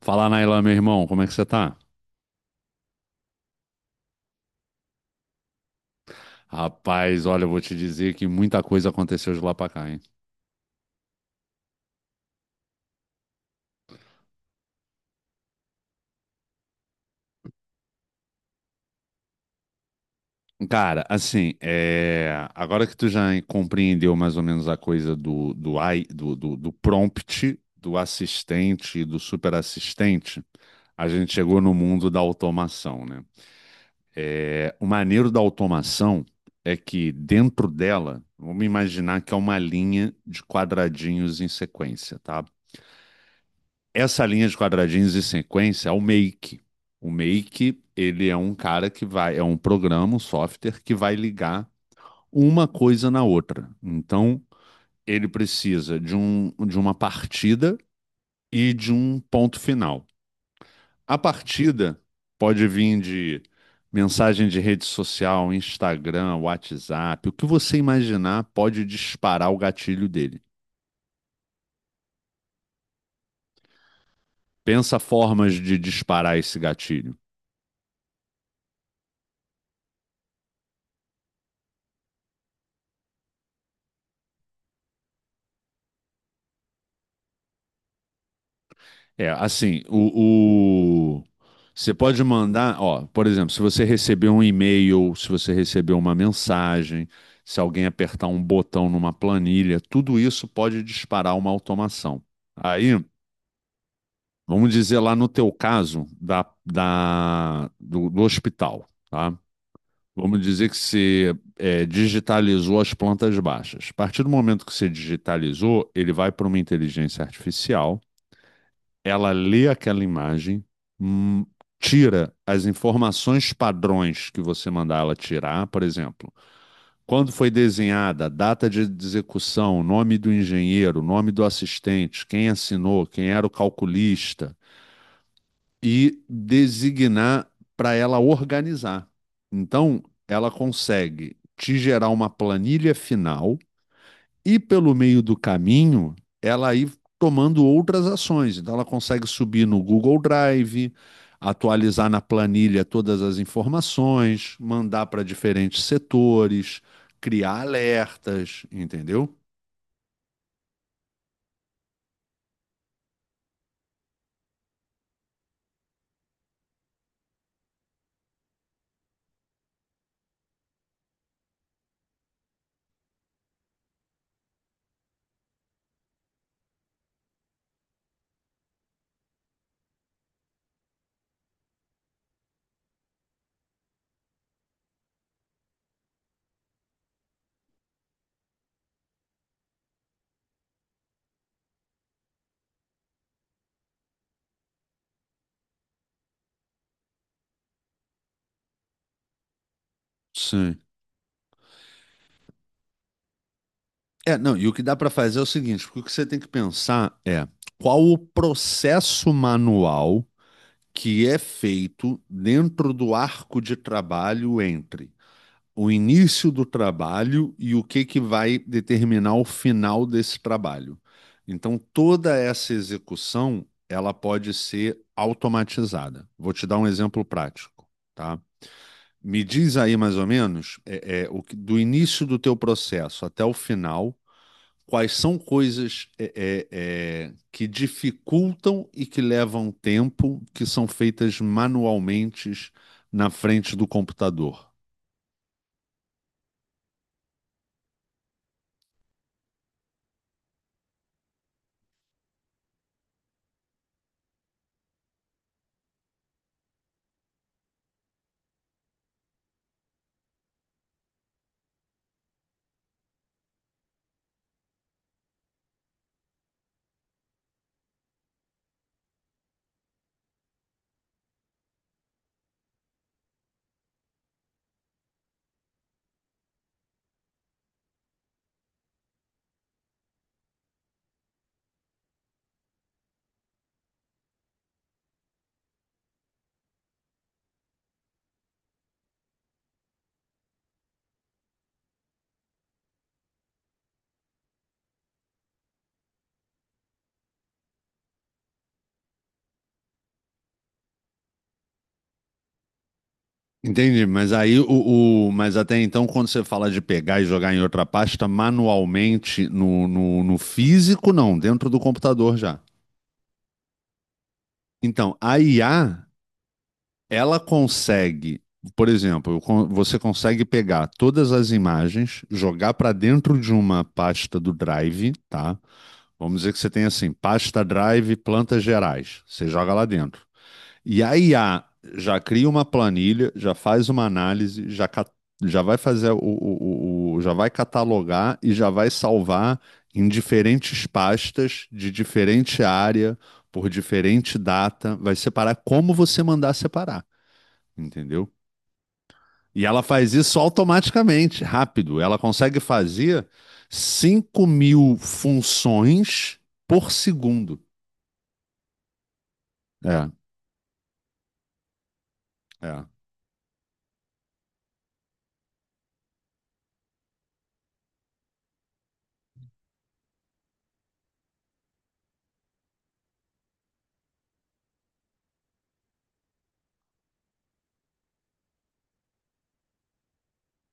Fala, Nailan, meu irmão, como é que você tá? Rapaz, olha, eu vou te dizer que muita coisa aconteceu de lá pra cá, hein? Cara, assim, é, agora que tu já compreendeu mais ou menos a coisa AI do prompt, do assistente e do superassistente, a gente chegou no mundo da automação, né? É, o maneiro da automação é que dentro dela, vamos imaginar que é uma linha de quadradinhos em sequência, tá? Essa linha de quadradinhos e sequência é o Make. O Make, ele é um cara que vai, é um programa, um software que vai ligar uma coisa na outra. Então, ele precisa de, um, de uma partida e de um ponto final. A partida pode vir de mensagem de rede social, Instagram, WhatsApp, o que você imaginar pode disparar o gatilho dele. Pensa formas de disparar esse gatilho. É, assim, você pode mandar, ó, por exemplo, se você receber um e-mail, se você receber uma mensagem, se alguém apertar um botão numa planilha, tudo isso pode disparar uma automação. Aí, vamos dizer lá no teu caso do hospital, tá? Vamos dizer que você é, digitalizou as plantas baixas. A partir do momento que você digitalizou, ele vai para uma inteligência artificial, ela lê aquela imagem, hum, tira as informações padrões que você mandar ela tirar, por exemplo, quando foi desenhada, data de execução, nome do engenheiro, nome do assistente, quem assinou, quem era o calculista, e designar para ela organizar. Então, ela consegue te gerar uma planilha final e pelo meio do caminho, ela aí tomando outras ações. Então, ela consegue subir no Google Drive, atualizar na planilha todas as informações, mandar para diferentes setores, criar alertas, entendeu? Sim. É, não, e o que dá para fazer é o seguinte, porque o que você tem que pensar é qual o processo manual que é feito dentro do arco de trabalho entre o início do trabalho e o que que vai determinar o final desse trabalho. Então, toda essa execução, ela pode ser automatizada. Vou te dar um exemplo prático, tá? Me diz aí mais ou menos o do início do teu processo até o final, quais são coisas que dificultam e que levam tempo, que são feitas manualmente na frente do computador. Entendi, mas aí mas até então, quando você fala de pegar e jogar em outra pasta manualmente no físico, não, dentro do computador já. Então, a IA, ela consegue, por exemplo, você consegue pegar todas as imagens, jogar para dentro de uma pasta do Drive, tá? Vamos dizer que você tem assim, pasta Drive, plantas gerais. Você joga lá dentro. E a IA já cria uma planilha, já faz uma análise, já vai fazer já vai catalogar e já vai salvar em diferentes pastas de diferente área, por diferente data, vai separar como você mandar separar, entendeu? E ela faz isso automaticamente, rápido. Ela consegue fazer 5.000 funções por segundo. É, é.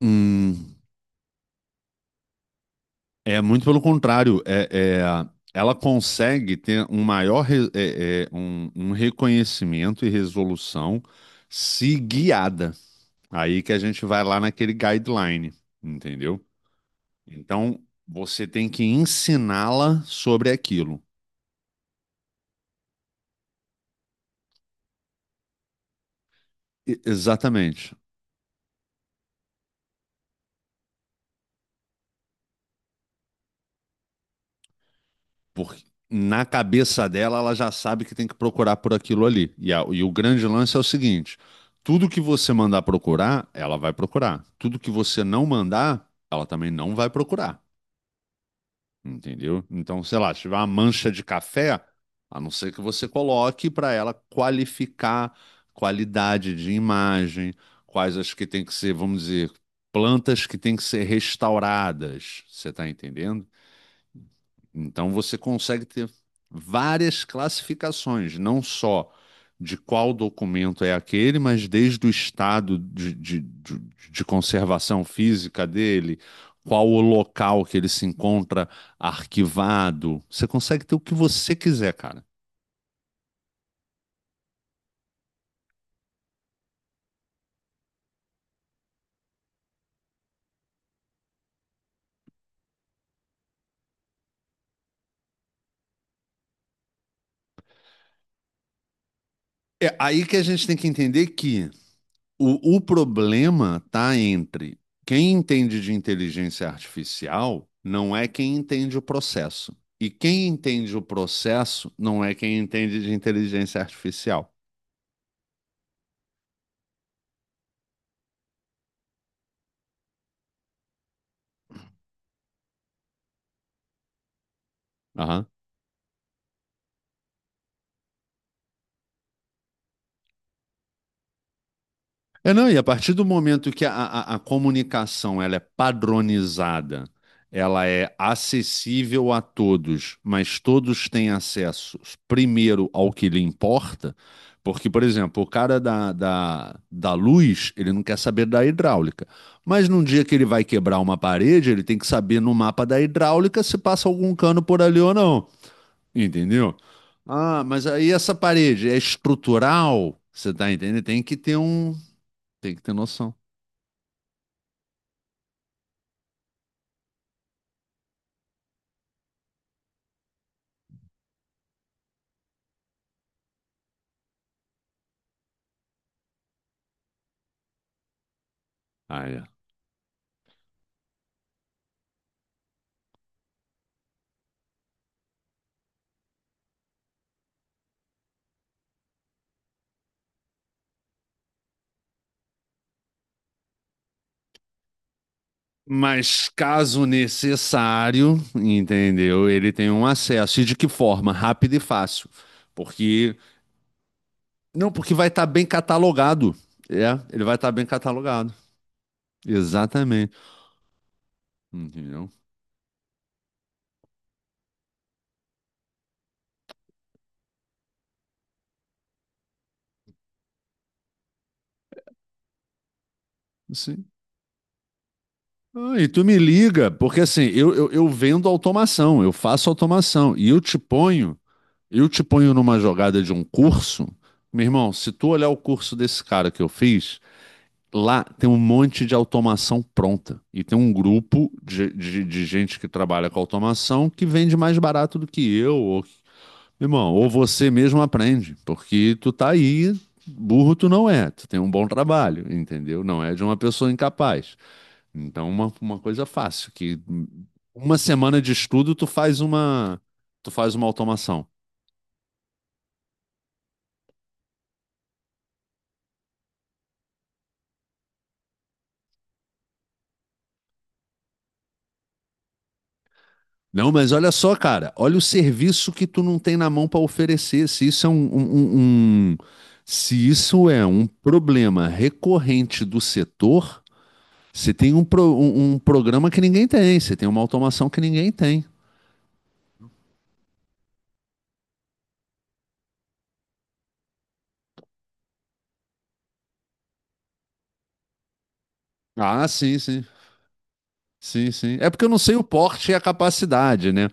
Hum, É muito pelo contrário, ela consegue ter um maior um reconhecimento e resolução se guiada. Aí que a gente vai lá naquele guideline, entendeu? Então você tem que ensiná-la sobre aquilo. E, exatamente. Porque na cabeça dela, ela já sabe que tem que procurar por aquilo ali. E, e o grande lance é o seguinte: tudo que você mandar procurar, ela vai procurar. Tudo que você não mandar, ela também não vai procurar. Entendeu? Então, sei lá, se tiver uma mancha de café, a não ser que você coloque para ela qualificar qualidade de imagem, quais as que tem que ser, vamos dizer, plantas que tem que ser restauradas. Você está entendendo? Então você consegue ter várias classificações, não só de qual documento é aquele, mas desde o estado de conservação física dele, qual o local que ele se encontra arquivado. Você consegue ter o que você quiser, cara. É aí que a gente tem que entender que o problema está entre quem entende de inteligência artificial não é quem entende o processo. E quem entende o processo não é quem entende de inteligência artificial. Aham. É, não, e a partir do momento que a comunicação ela é padronizada, ela é acessível a todos, mas todos têm acesso primeiro ao que lhe importa, porque, por exemplo, o cara da luz, ele não quer saber da hidráulica, mas num dia que ele vai quebrar uma parede, ele tem que saber no mapa da hidráulica se passa algum cano por ali ou não, entendeu? Ah, mas aí essa parede é estrutural, você tá entendendo? Tem que ter um tem que ter noção. Ah, é. Mas caso necessário, entendeu? Ele tem um acesso. E de que forma? Rápido e fácil. Porque. Não, porque vai estar bem catalogado. É, ele vai estar bem catalogado. Exatamente. Entendeu? Sim. Ah, e tu me liga, porque assim, eu vendo automação, eu faço automação. E eu te ponho numa jogada de um curso. Meu irmão, se tu olhar o curso desse cara que eu fiz. Lá tem um monte de automação pronta. E tem um grupo de gente que trabalha com automação que vende mais barato do que eu. Ou, irmão, ou você mesmo aprende, porque tu tá aí, burro tu não é, tu tem um bom trabalho, entendeu? Não é de uma pessoa incapaz. Então, uma coisa fácil, que uma semana de estudo tu faz uma automação. Não, mas olha só, cara, olha o serviço que tu não tem na mão para oferecer. Se isso é um- se isso é um problema recorrente do setor, você tem um, um programa que ninguém tem, você tem uma automação que ninguém tem. Ah, sim, sim. Sim, sim. É porque eu não sei o porte e a capacidade, né?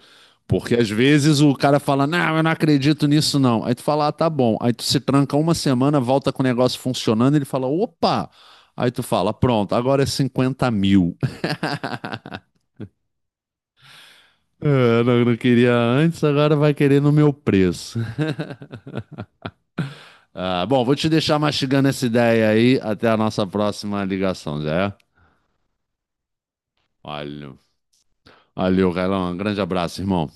Porque às vezes o cara fala, não, eu não acredito nisso, não. Aí tu fala, ah, tá bom. Aí tu se tranca uma semana, volta com o negócio funcionando, ele fala, opa! Aí tu fala, pronto, agora é 50.000. É, não, não queria antes, agora vai querer no meu preço. Ah, bom, vou te deixar mastigando essa ideia aí. Até a nossa próxima ligação, já é? Valeu. Valeu, Carlão. Um grande abraço, irmão.